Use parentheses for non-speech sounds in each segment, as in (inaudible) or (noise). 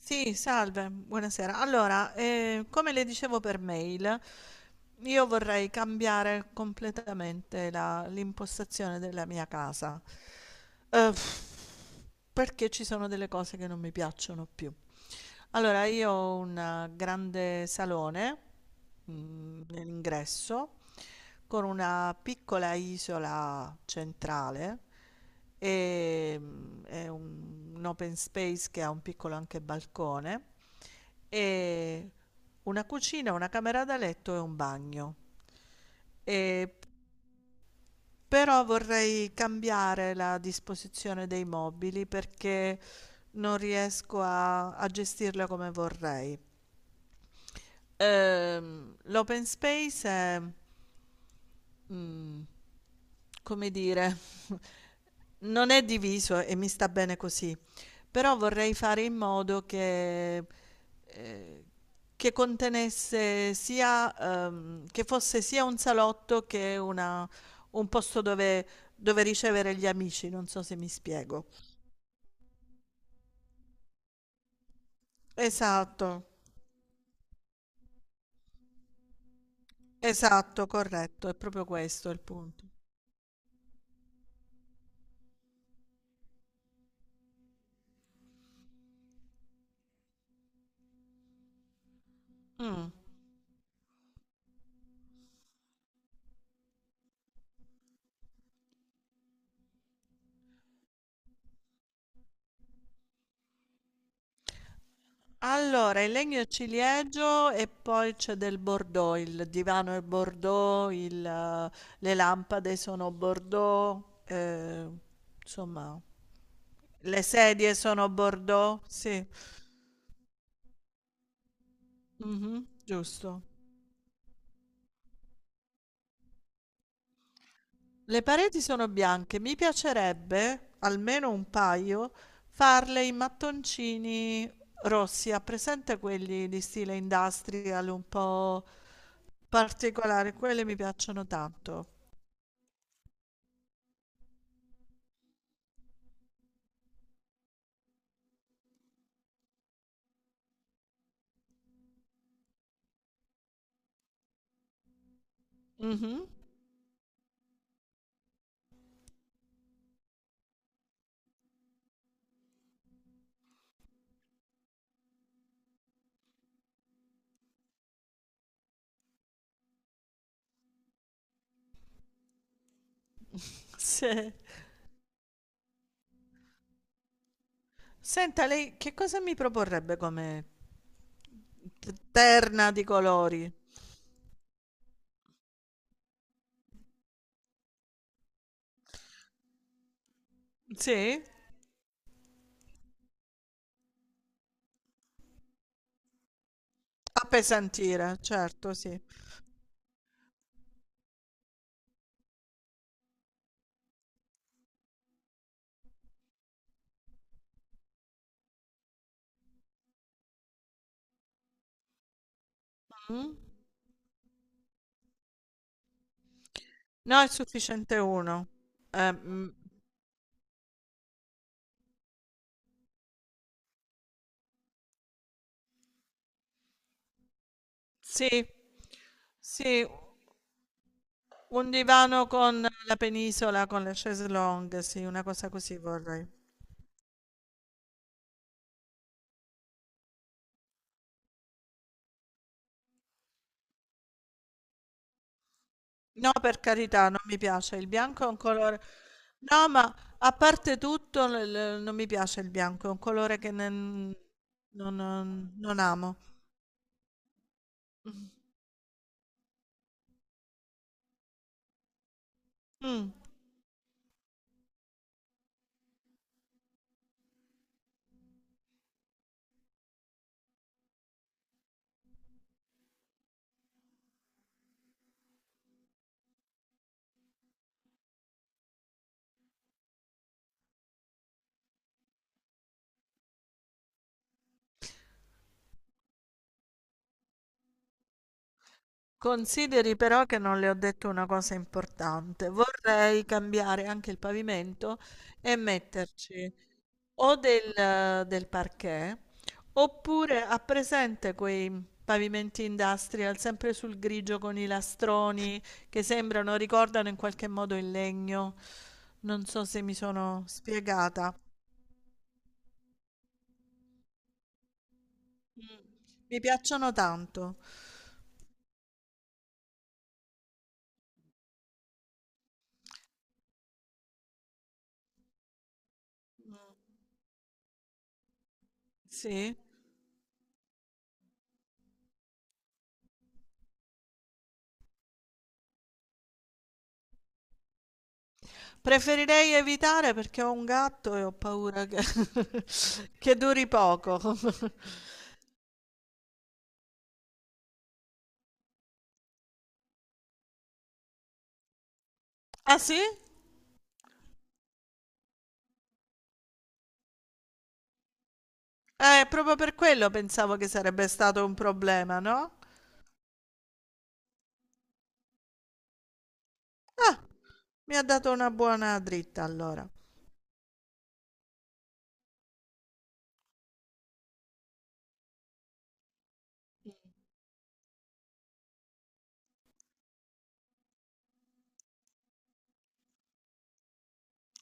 Sì, salve, buonasera. Allora, come le dicevo per mail, io vorrei cambiare completamente l'impostazione della mia casa. Eh, Perché ci sono delle cose che non mi piacciono più. Allora, io ho un grande salone, nell'ingresso con una piccola isola centrale, e è un open space che ha un piccolo anche balcone e una cucina, una camera da letto e un bagno. E però vorrei cambiare la disposizione dei mobili perché non riesco a gestirla come vorrei. L'open space è, mm, come dire, (laughs) non è diviso e mi sta bene così, però vorrei fare in modo eh, che contenesse sia, che fosse sia un salotto che un posto dove, dove ricevere gli amici, non so se mi spiego. Esatto, esatto, corretto, è proprio questo il punto. Mm. Allora, il legno ciliegio e poi c'è del Bordeaux, il divano è Bordeaux, le lampade sono Bordeaux, insomma, le sedie sono Bordeaux, sì. Mhm, giusto. Le pareti sono bianche, mi piacerebbe, almeno un paio, farle in mattoncini rossi, ha presente quelli di stile industrial un po' particolari, quelli mi piacciono tanto. Mhm. Se- Senta, lei che cosa mi proporrebbe come terna di colori? Sì? Appesantire, certo, sì. Mm? No, è sufficiente uno. Eh, mm, sì, sì, un divano con la penisola, con le chaise longue, sì, una cosa così vorrei. No, per carità, non mi piace. Il bianco è un colore... No, ma a parte tutto, non mi piace il bianco, è un colore che non amo. Mm. Consideri però che non le ho detto una cosa importante. Vorrei cambiare anche il pavimento e metterci o del parquet, oppure ha presente quei pavimenti industrial sempre sul grigio con i lastroni che sembrano, ricordano in qualche modo il legno. Non so se mi sono spiegata. Mm. Mi piacciono tanto. Sì. Preferirei evitare perché ho un gatto e ho paura (laughs) che duri poco. (laughs) Ah sì? Proprio per quello pensavo che sarebbe stato un problema, no? Mi ha dato una buona dritta allora.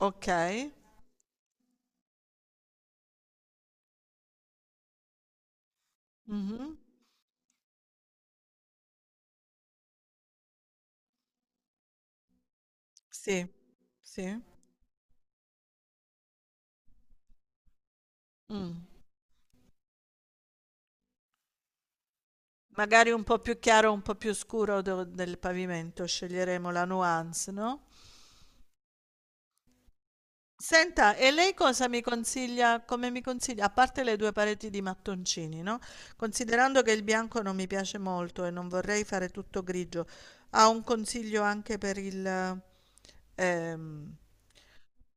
Ok. Mhm. Sì, sì. Mm. Magari un po' più chiaro, un po' più scuro del pavimento, sceglieremo la nuance, no? Senta, e lei cosa mi consiglia a parte le 2 pareti di mattoncini, no, considerando che il bianco non mi piace molto e non vorrei fare tutto grigio, ha un consiglio anche per il ehm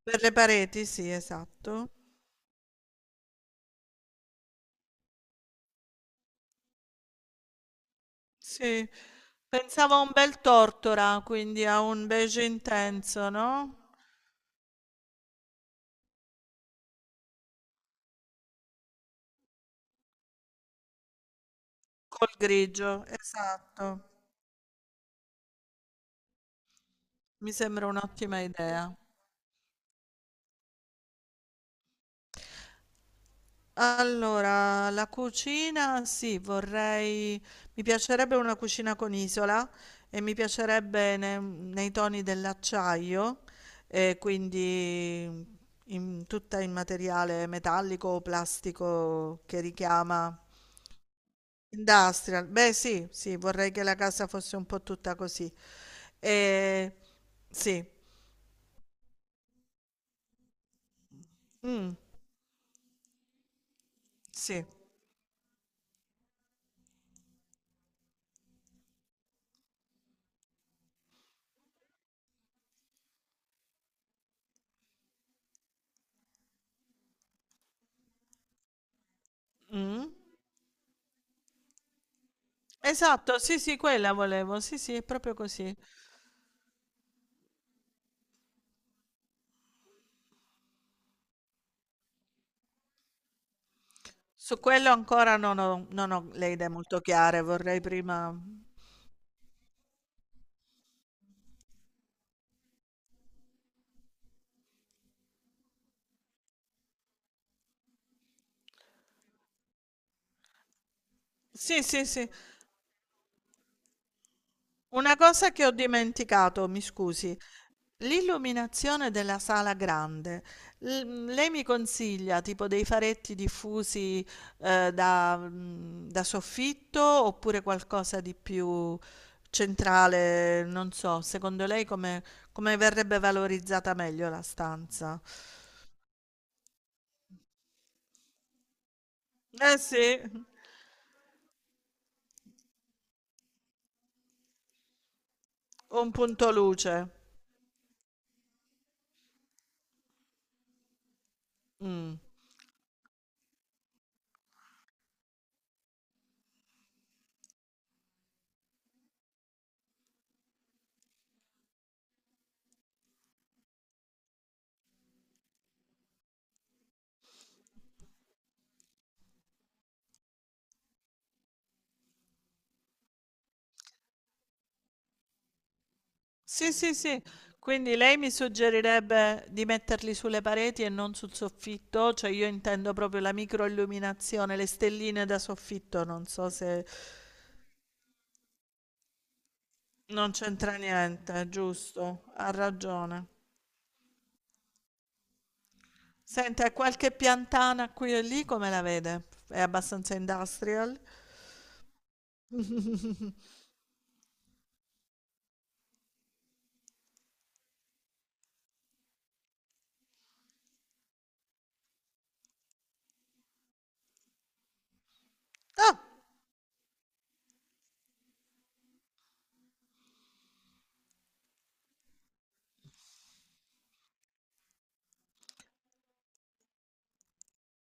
per le pareti? Sì, esatto. Sì, pensavo a un bel tortora, quindi a un beige intenso, no, col grigio, esatto. Mi sembra un'ottima idea. Allora, la cucina, sì, vorrei, mi piacerebbe una cucina con isola e mi piacerebbe nei toni dell'acciaio, e quindi tutta in materiale metallico o plastico che richiama industrial. Beh, sì, sì, vorrei che la casa fosse un po' tutta così. E, sì, mm, sì. Mm. Esatto, sì, sì, quella volevo, sì, sì, è proprio così. Su quello ancora non ho, le idee molto chiare, vorrei prima, sì, sì, sì. Una cosa che ho dimenticato, mi scusi, l'illuminazione della sala grande. Lei mi consiglia tipo dei faretti diffusi, da soffitto, oppure qualcosa di più centrale, non so, secondo lei come verrebbe valorizzata meglio la stanza? Eh sì, un punto luce. Mh. Sì, sì, sì. Quindi lei mi suggerirebbe di metterli sulle pareti e non sul soffitto, cioè io intendo proprio la microilluminazione, le stelline da soffitto, non so se non c'entra niente, giusto? Ha ragione. Senta, qualche piantana qui e lì come la vede? È abbastanza industrial? Ah,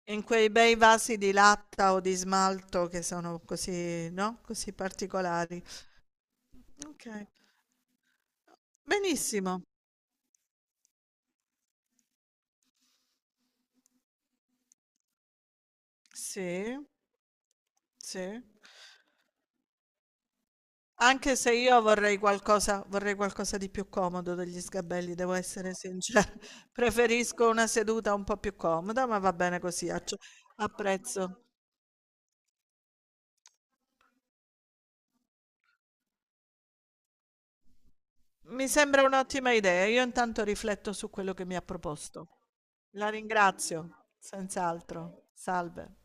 in quei bei vasi di latta o di smalto che sono così, no? Così particolari. Ok. Benissimo. Sì, sì. Anche se io vorrei qualcosa, di più comodo degli sgabelli, devo essere sincera. (laughs) Preferisco una seduta un po' più comoda, ma va bene così, acce apprezzo. Mi sembra un'ottima idea, io intanto rifletto su quello che mi ha proposto. La ringrazio, senz'altro. Salve.